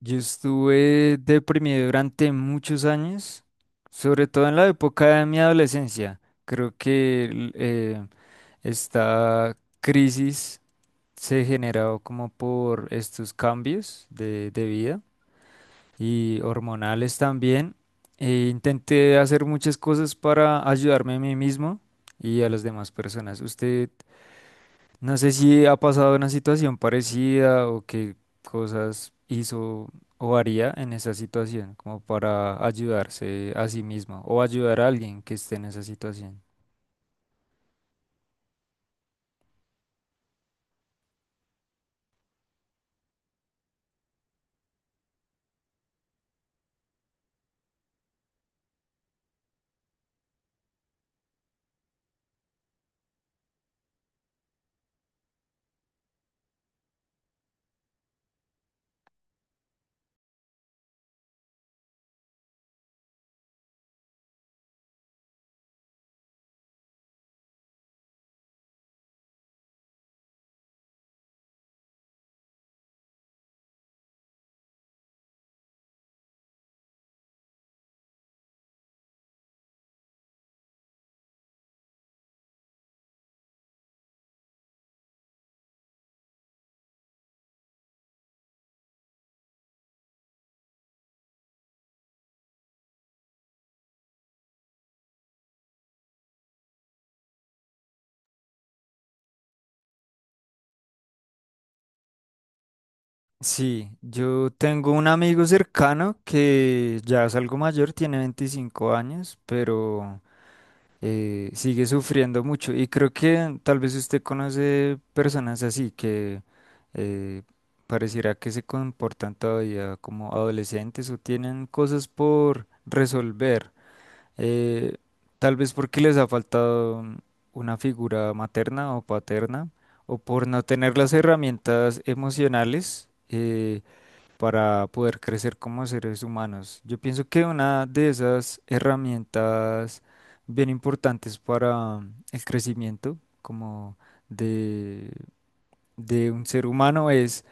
Yo estuve deprimido durante muchos años, sobre todo en la época de mi adolescencia. Creo que esta crisis se generó como por estos cambios de vida y hormonales también. E intenté hacer muchas cosas para ayudarme a mí mismo y a las demás personas. Usted no sé si ha pasado una situación parecida o qué cosas hizo o haría en esa situación, como para ayudarse a sí mismo o ayudar a alguien que esté en esa situación. Sí, yo tengo un amigo cercano que ya es algo mayor, tiene 25 años, pero sigue sufriendo mucho. Y creo que tal vez usted conoce personas así que eh, pareciera que se comportan todavía como adolescentes o tienen cosas por resolver. eh, Tal vez porque les ha faltado una figura materna o paterna o por no tener las herramientas emocionales. Para poder crecer como seres humanos. Yo pienso que una de esas herramientas bien importantes para el crecimiento como de, de un ser humano es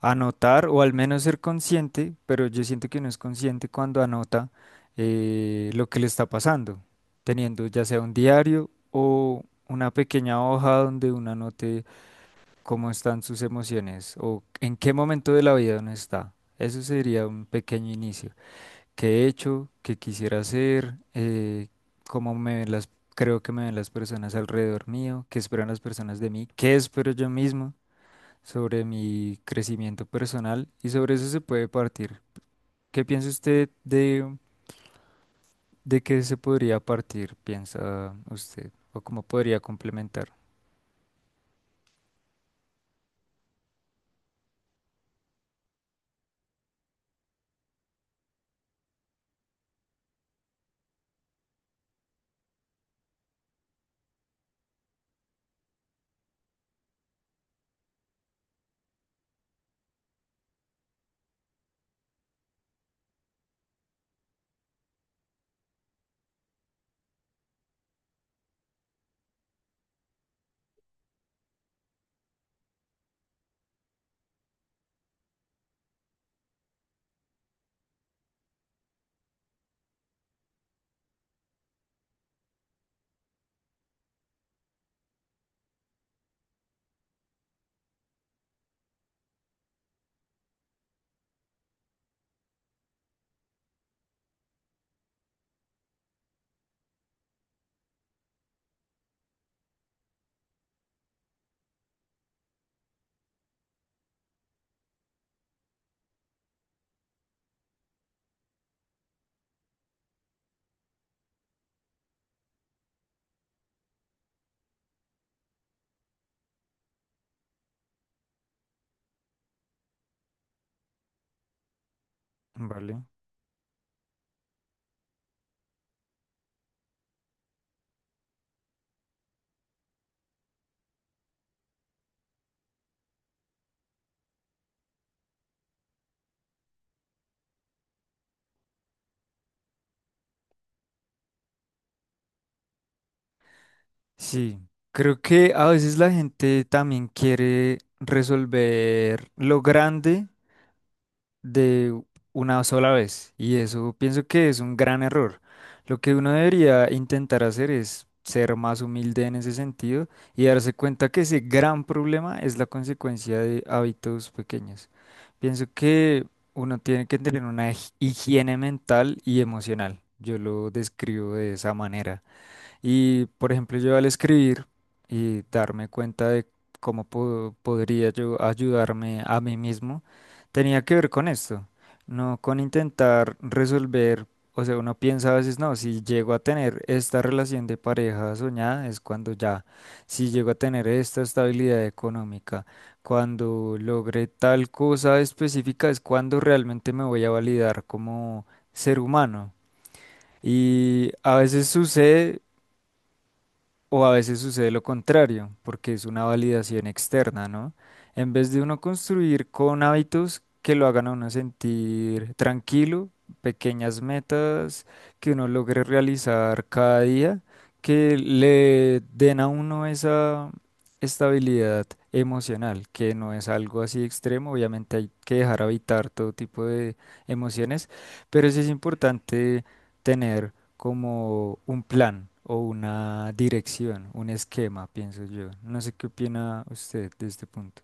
anotar o al menos ser consciente, pero yo siento que no es consciente cuando anota lo que le está pasando, teniendo ya sea un diario o una pequeña hoja donde uno anote cómo están sus emociones o en qué momento de la vida uno está. Eso sería un pequeño inicio. ¿Qué he hecho? ¿Qué quisiera hacer? ¿Cómo me ven las, Creo que me ven las personas alrededor mío? ¿Qué esperan las personas de mí? ¿Qué espero yo mismo sobre mi crecimiento personal? Y sobre eso se puede partir. ¿Qué piensa usted de, ¿De qué se podría partir, piensa usted? ¿O cómo podría complementar? ¿Vale? Sí, creo que a veces la gente también quiere resolver lo grande de una sola vez y eso pienso que es un gran error. Lo que uno debería intentar hacer es ser más humilde en ese sentido y darse cuenta que ese gran problema es la consecuencia de hábitos pequeños. Pienso que uno tiene que tener una higiene mental y emocional. Yo lo describo de esa manera. Y, por ejemplo, yo al escribir y darme cuenta de cómo podría yo ayudarme a mí mismo, tenía que ver con esto, no con intentar resolver, o sea, uno piensa a veces, no, si llego a tener esta relación de pareja soñada es cuando ya, si llego a tener esta estabilidad económica, cuando logre tal cosa específica es cuando realmente me voy a validar como ser humano. Y a veces sucede o a veces sucede lo contrario, porque es una validación externa, ¿no? En vez de uno construir con hábitos que lo hagan a uno sentir tranquilo, pequeñas metas que uno logre realizar cada día, que le den a uno esa estabilidad emocional, que no es algo así extremo, obviamente hay que dejar habitar todo tipo de emociones, pero sí es importante tener como un plan o una dirección, un esquema, pienso yo. No sé qué opina usted de este punto.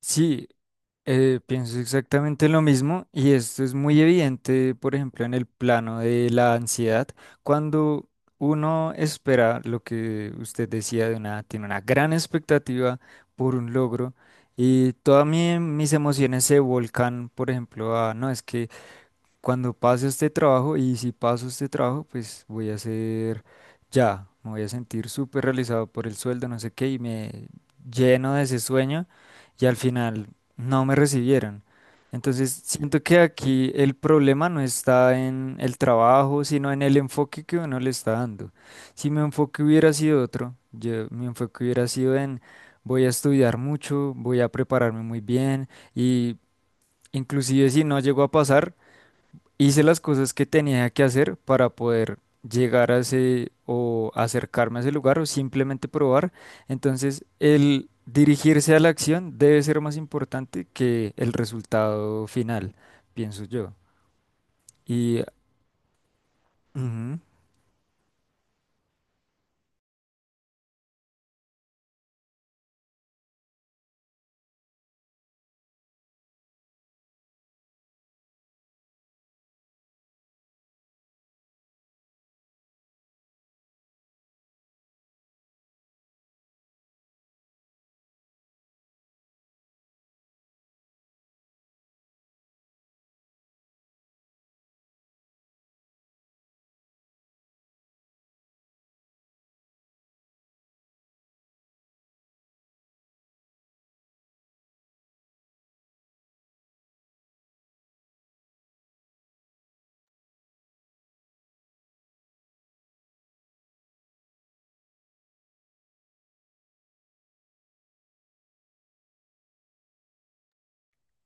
Sí, pienso exactamente lo mismo y esto es muy evidente, por ejemplo, en el plano de la ansiedad, cuando uno espera lo que usted decía de una, tiene una gran expectativa por un logro y todas mis emociones se volcan, por ejemplo, a, no, es que cuando pase este trabajo, y si paso este trabajo, pues voy a ser ya, me voy a sentir súper realizado por el sueldo, no sé qué, y me lleno de ese sueño y al final no me recibieron. Entonces, siento que aquí el problema no está en el trabajo, sino en el enfoque que uno le está dando. Si mi enfoque hubiera sido otro, yo, mi enfoque hubiera sido en voy a estudiar mucho, voy a prepararme muy bien y inclusive si no llego a pasar, hice las cosas que tenía que hacer para poder llegar a ese o acercarme a ese lugar o simplemente probar. Entonces, el dirigirse a la acción debe ser más importante que el resultado final, pienso yo. Y,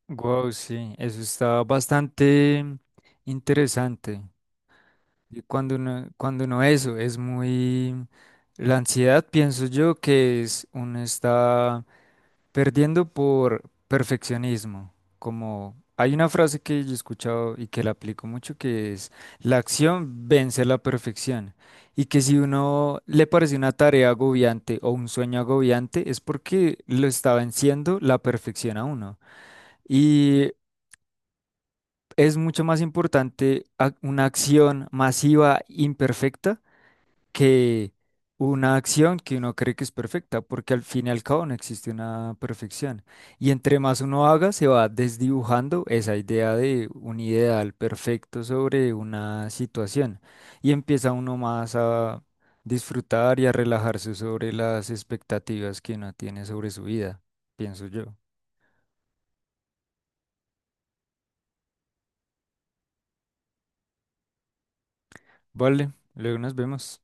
wow, sí, eso está bastante interesante. Y cuando uno eso es muy... La ansiedad, pienso yo, que es uno está perdiendo por perfeccionismo, como hay una frase que yo he escuchado y que la aplico mucho, que es la acción vence la perfección. Y que si uno le parece una tarea agobiante o un sueño agobiante, es porque lo está venciendo la perfección a uno. Y es mucho más importante una acción masiva imperfecta que una acción que uno cree que es perfecta, porque al fin y al cabo no existe una perfección. Y entre más uno haga, se va desdibujando esa idea de un ideal perfecto sobre una situación y empieza uno más a disfrutar y a relajarse sobre las expectativas que uno tiene sobre su vida, pienso yo. Vale, luego nos vemos.